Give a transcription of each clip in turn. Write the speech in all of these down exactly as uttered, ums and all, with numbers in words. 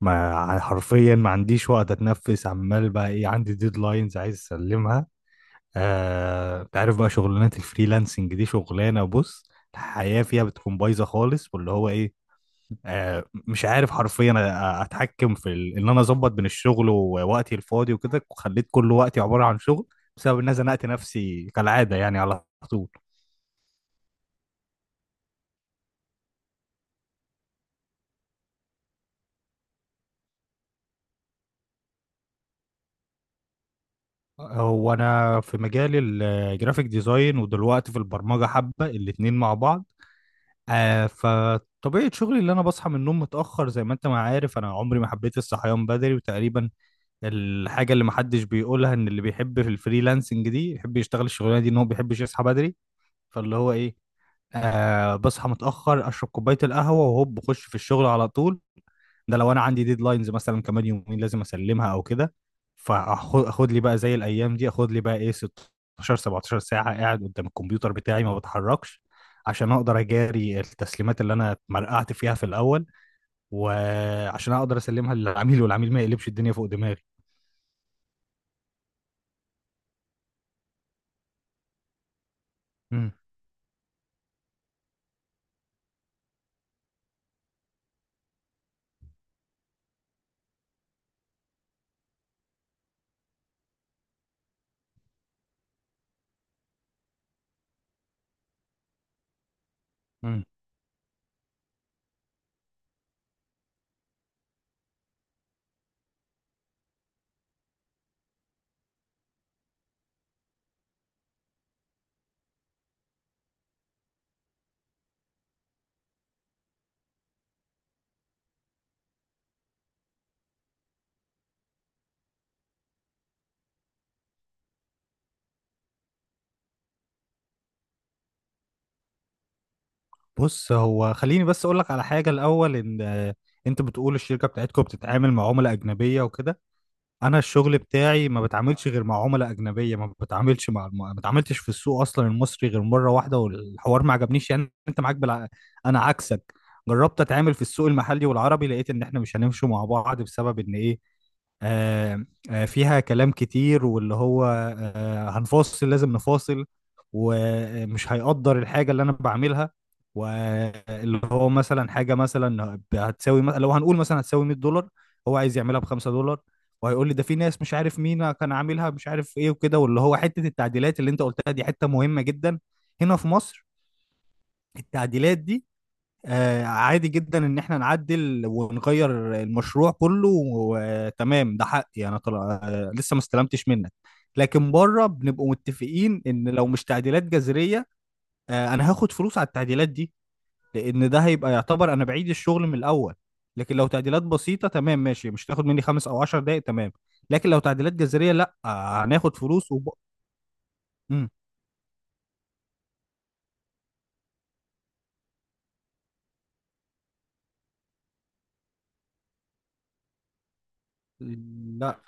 ما ع- حرفيا ما عنديش وقت اتنفس. عمال بقى ايه، عندي ديدلاينز عايز اسلمها. آه انت عارف بقى شغلانات الفريلانسنج دي شغلانه. بص، الحياه فيها بتكون بايظه خالص، واللي هو ايه. آه مش عارف حرفيا أ- أ- اتحكم في ال... ان انا اظبط بين الشغل ووقتي الفاضي وكده، وخليت كل وقتي عباره عن شغل، بسبب ان انا زنقت نفسي كالعاده يعني على طول. هو انا في مجال الجرافيك ديزاين، ودلوقتي في البرمجه حبه، الاتنين مع بعض. آه فطبيعة شغلي اللي أنا بصحى من النوم متأخر، زي ما أنت ما عارف أنا عمري ما حبيت الصحيان بدري، وتقريبا الحاجة اللي محدش بيقولها إن اللي بيحب في الفريلانسنج دي يحب يشتغل الشغلانة دي إن هو بيحبش يصحى بدري. فاللي هو إيه، آه بصحى متأخر أشرب كوباية القهوة وهوب بخش في الشغل على طول. ده لو انا عندي ديدلاينز مثلا كمان يومين لازم اسلمها او كده. فاخد اخد لي بقى زي الايام دي اخد لي بقى ايه ستة عشر سبعتاشر ساعه قاعد قدام الكمبيوتر بتاعي ما بتحركش، عشان اقدر اجاري التسليمات اللي انا مرقعت فيها في الاول، وعشان اقدر اسلمها للعميل والعميل ما يقلبش الدنيا فوق دماغي. مم. مم. بص، هو خليني بس اقول لك على حاجه الاول. ان آه، انت بتقول الشركه بتاعتكم بتتعامل مع عملاء اجنبيه وكده. انا الشغل بتاعي ما بتعاملش غير مع عملاء اجنبيه، ما بتعاملش مع، ما بتعاملتش في السوق اصلا المصري غير مره واحده، والحوار ما عجبنيش يعني. انت معاك بالع... انا عكسك. جربت اتعامل في السوق المحلي والعربي، لقيت ان احنا مش هنمشي مع بعض بسبب ان ايه. آه آه فيها كلام كتير، واللي هو آه هنفاصل، لازم نفاصل. ومش هيقدر الحاجة اللي أنا بعملها، واللي هو مثلا حاجة مثلا هتساوي، لو هنقول مثلا هتساوي مائة دولار، هو عايز يعملها ب خمسة دولار. وهيقول لي ده في ناس مش عارف مين كان عاملها، مش عارف ايه وكده. واللي هو حته التعديلات اللي انت قلتها دي، حته مهمه جدا. هنا في مصر التعديلات دي آه عادي جدا ان احنا نعدل ونغير المشروع كله وتمام، ده حقي انا طلع، آه لسه ما استلمتش منك. لكن بره بنبقوا متفقين ان لو مش تعديلات جذريه، آه انا هاخد فلوس على التعديلات دي، لان ده هيبقى يعتبر انا بعيد الشغل من الاول. لكن لو تعديلات بسيطه تمام ماشي، مش تاخد مني خمس او عشر دقايق تمام. لكن لو تعديلات جذريه لا، آه، هناخد فلوس. وب... مم. لا،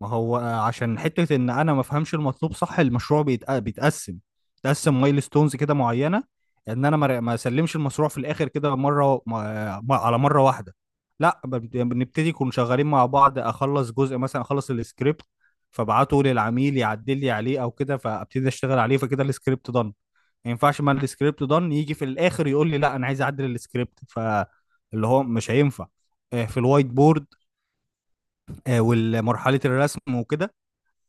ما هو عشان حتة ان انا ما افهمش المطلوب صح، المشروع بيتق- بيتقسم. بيتقسم مايل ستونز كده معينة، ان انا ما ما اسلمش المشروع في الاخر كده مرة ما- ما- على مرة واحدة. لا، ب- بنبتدي نكون شغالين مع بعض، اخلص جزء مثلا، اخلص السكريبت فابعته للعميل يعدل لي عليه او كده، فابتدي اشتغل عليه. فكده السكريبت دان، ما ينفعش، ما السكريبت دان يجي في الاخر يقول لي لا انا عايز اعدل السكريبت. فاللي هو مش هينفع. آه، في الوايت بورد، آه، والمرحلة الرسم وكده،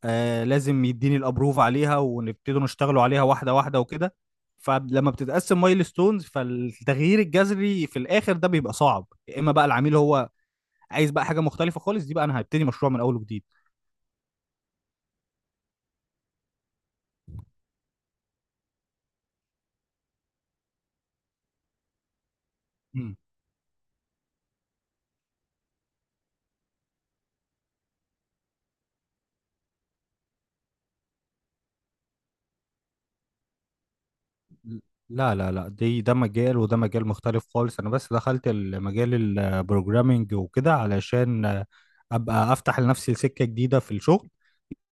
آه لازم يديني الابروف عليها، ونبتدوا نشتغلوا عليها واحده واحده وكده. فلما بتتقسم مايل ستونز، فالتغيير الجذري في الاخر ده بيبقى صعب، يا اما بقى العميل هو عايز بقى حاجه مختلفه خالص، دي بقى انا هبتدي مشروع من اول وجديد. مم. لا لا لا، دي ده مجال وده مجال مختلف خالص. انا بس دخلت المجال البروجرامينج وكده علشان آه، ابقى افتح لنفسي سكة جديدة في الشغل،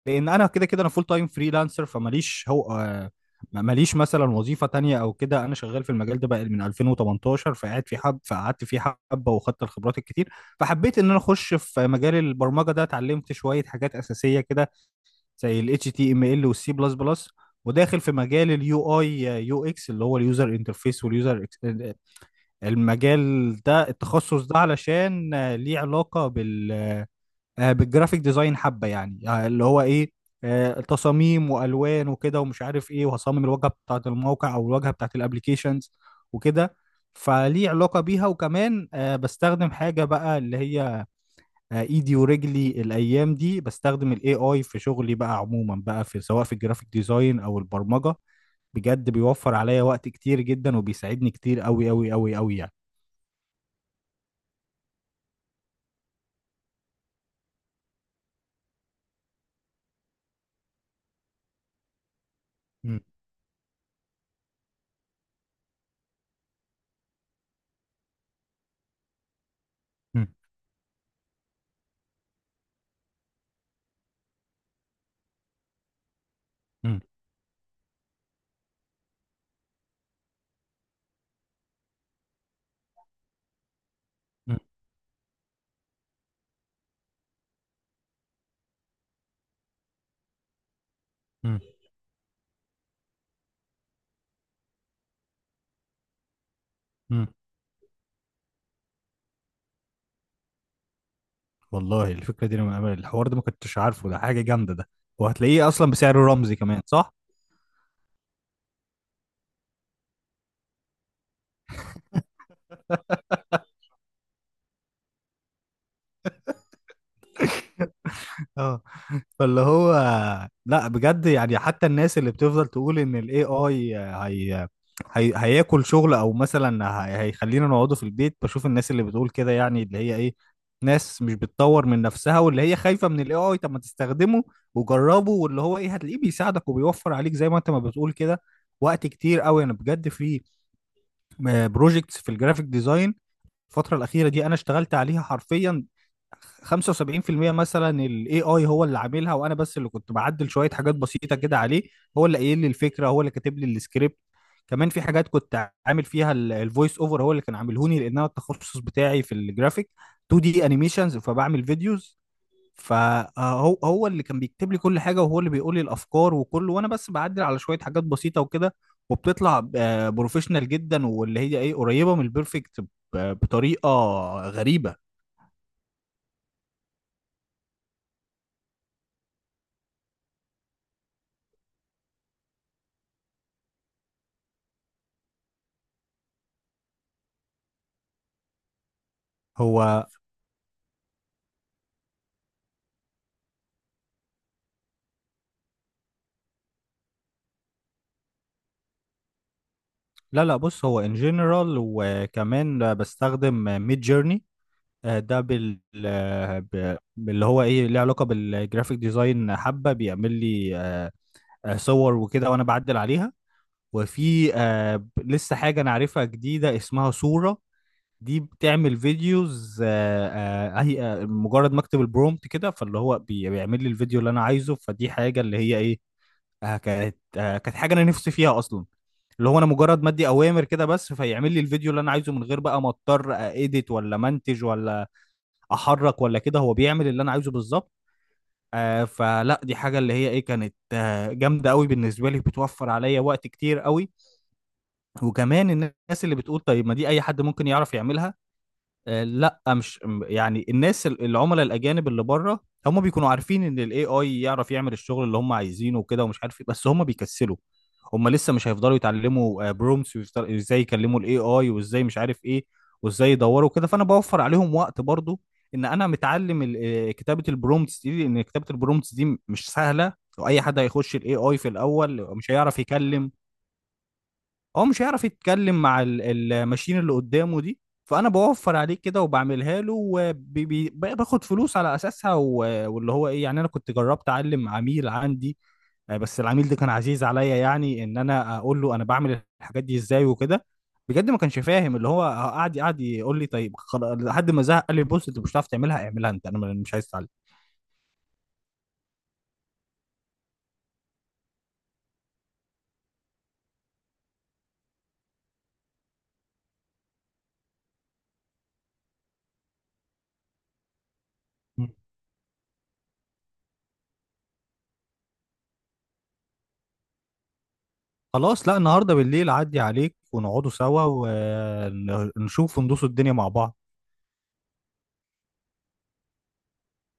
لان انا كده كده انا فول تايم فريلانسر فماليش هو، آه، ما- ماليش مثلا وظيفه تانية او كده. انا شغال في المجال ده بقى من الفين وتمنتاشر، فقعد في حب فقعدت فيه حبه، واخدت الخبرات الكتير. فحبيت ان انا اخش في مجال البرمجه ده، اتعلمت شويه حاجات اساسيه كده زي ال اتش تي ام ال وال C++، وداخل في مجال اليو اي، يو اكس اللي هو اليوزر انترفيس واليوزر. المجال ده التخصص ده علشان آه، ليه علاقه بال آه، بالجرافيك ديزاين حبه يعني، آه، اللي هو ايه، آه، تصاميم والوان وكده ومش عارف ايه، وهصمم الواجهه بتاعه الموقع او الواجهه بتاعه الابليكيشنز وكده. فليه علاقه بيها. وكمان آه، بستخدم حاجه بقى اللي هي آه، ايدي ورجلي الايام دي، بستخدم الاي اي في شغلي بقى عموما بقى، في سواء في الجرافيك ديزاين او البرمجه. بجد بيوفر عليا وقت كتير جدا، وبيساعدني كتير قوي قوي قوي قوي يعني. مم، مم، مم، مم، مم، والله الفكرة دي أنا أنا الحوار ده ما كنتش عارفه. ده حاجة جامدة ده، وهتلاقيه أصلا بسعر رمزي كمان، صح؟ اه، فاللي هو، لا بجد يعني، حتى الناس اللي بتفضل تقول إن ال اي اي هي... هي... هياكل شغل، أو مثلا هي... هيخلينا نقعده في البيت. بشوف الناس اللي بتقول كده يعني، اللي هي إيه، ناس مش بتطور من نفسها واللي هي خايفة من ال اي اي. طب ما تستخدمه وجربه، واللي هو إيه، هتلاقيه بيساعدك وبيوفر عليك زي ما أنت ما بتقول كده وقت كتير قوي. انا بجد في بروجكتس في الجرافيك ديزاين الفترة الأخيرة دي، أنا اشتغلت عليها حرفيا خمسه وسبعين في المية مثلا، ال اي اي هو اللي عاملها، وأنا بس اللي كنت بعدل شوية حاجات بسيطة كده عليه. هو اللي قايل لي الفكرة، هو اللي كاتب لي السكريبت. كمان في حاجات كنت عامل فيها الفويس اوفر هو اللي كان عاملهوني، لأن أنا التخصص بتاعي في الجرافيك تو دي انيميشنز، فبعمل فيديوز. فهو هو اللي كان بيكتب لي كل حاجه، وهو اللي بيقول لي الافكار وكله، وانا بس بعدل على شويه حاجات بسيطه وكده. وبتطلع آه، بروفيشنال جدا، واللي هي ايه، قريبه من البيرفكت ب- بطريقه غريبه. هو لا لا، بص، هو ان جنرال. وكمان بستخدم ميد جيرني، ده بال، آه، ب- باللي هو ايه، ليه علاقه بالجرافيك ديزاين حبه، بيعمل لي آه، آه، صور وكده وانا بعدل عليها. وفي آه، ب- لسه حاجه انا عارفها جديده اسمها صوره دي، بتعمل فيديوز. آه، آه، هي آه، مجرد ما اكتب البرومت كده، فاللي هو بي- بيعمل لي الفيديو اللي انا عايزه. فدي حاجه اللي هي ايه، آه، كانت، آه، كانت حاجه انا نفسي فيها اصلا. اللي هو، انا مجرد ما ادي اوامر كده بس، فيعمل لي الفيديو اللي انا عايزه، من غير بقى ما اضطر اديت ولا منتج ولا احرك ولا كده، هو بيعمل اللي انا عايزه بالظبط. آه فلا، دي حاجه اللي هي ايه، كانت آه جامده قوي بالنسبه لي، بتوفر عليا وقت كتير قوي. وكمان الناس اللي بتقول طيب ما دي اي حد ممكن يعرف يعملها، آه، لا مش م- يعني الناس ال- العملاء الاجانب اللي بره، هم بيكونوا عارفين ان الاي اي يعرف يعمل الشغل اللي هم عايزينه وكده ومش عارف ايه، بس هم بيكسلوا. هم لسه مش هيفضلوا يتعلموا برومتس وازاي يكلموا الاي اي وازاي مش عارف ايه وازاي يدوروا كده، فانا بوفر عليهم وقت برضو، ان انا متعلم ال- آه، كتابة البرومتس دي. لان كتابة البرومتس دي م- مش سهلة، واي حد هيخش الاي اي في الاول مش هيعرف يكلم. هو مش هيعرف يتكلم مع ال- الماشين اللي قدامه دي، فانا بوفر عليه كده وبعملها له وباخد فلوس على اساسها. و- واللي هو ايه يعني، انا كنت جربت اعلم عميل عندي، آه، بس العميل ده كان عزيز عليا، يعني ان انا اقول له انا بعمل الحاجات دي ازاي وكده، بجد ما كانش فاهم اللي هو، آه، قعد قعد يقول لي طيب خلاص لحد ما زهق، قال لي بص انت مش هتعرف تعملها، اعملها انت، انا مش عايز اتعلم. خلاص، لا، النهارده بالليل عدي عليك ونقعدوا سوا، ونشوف وندوس الدنيا مع بعض.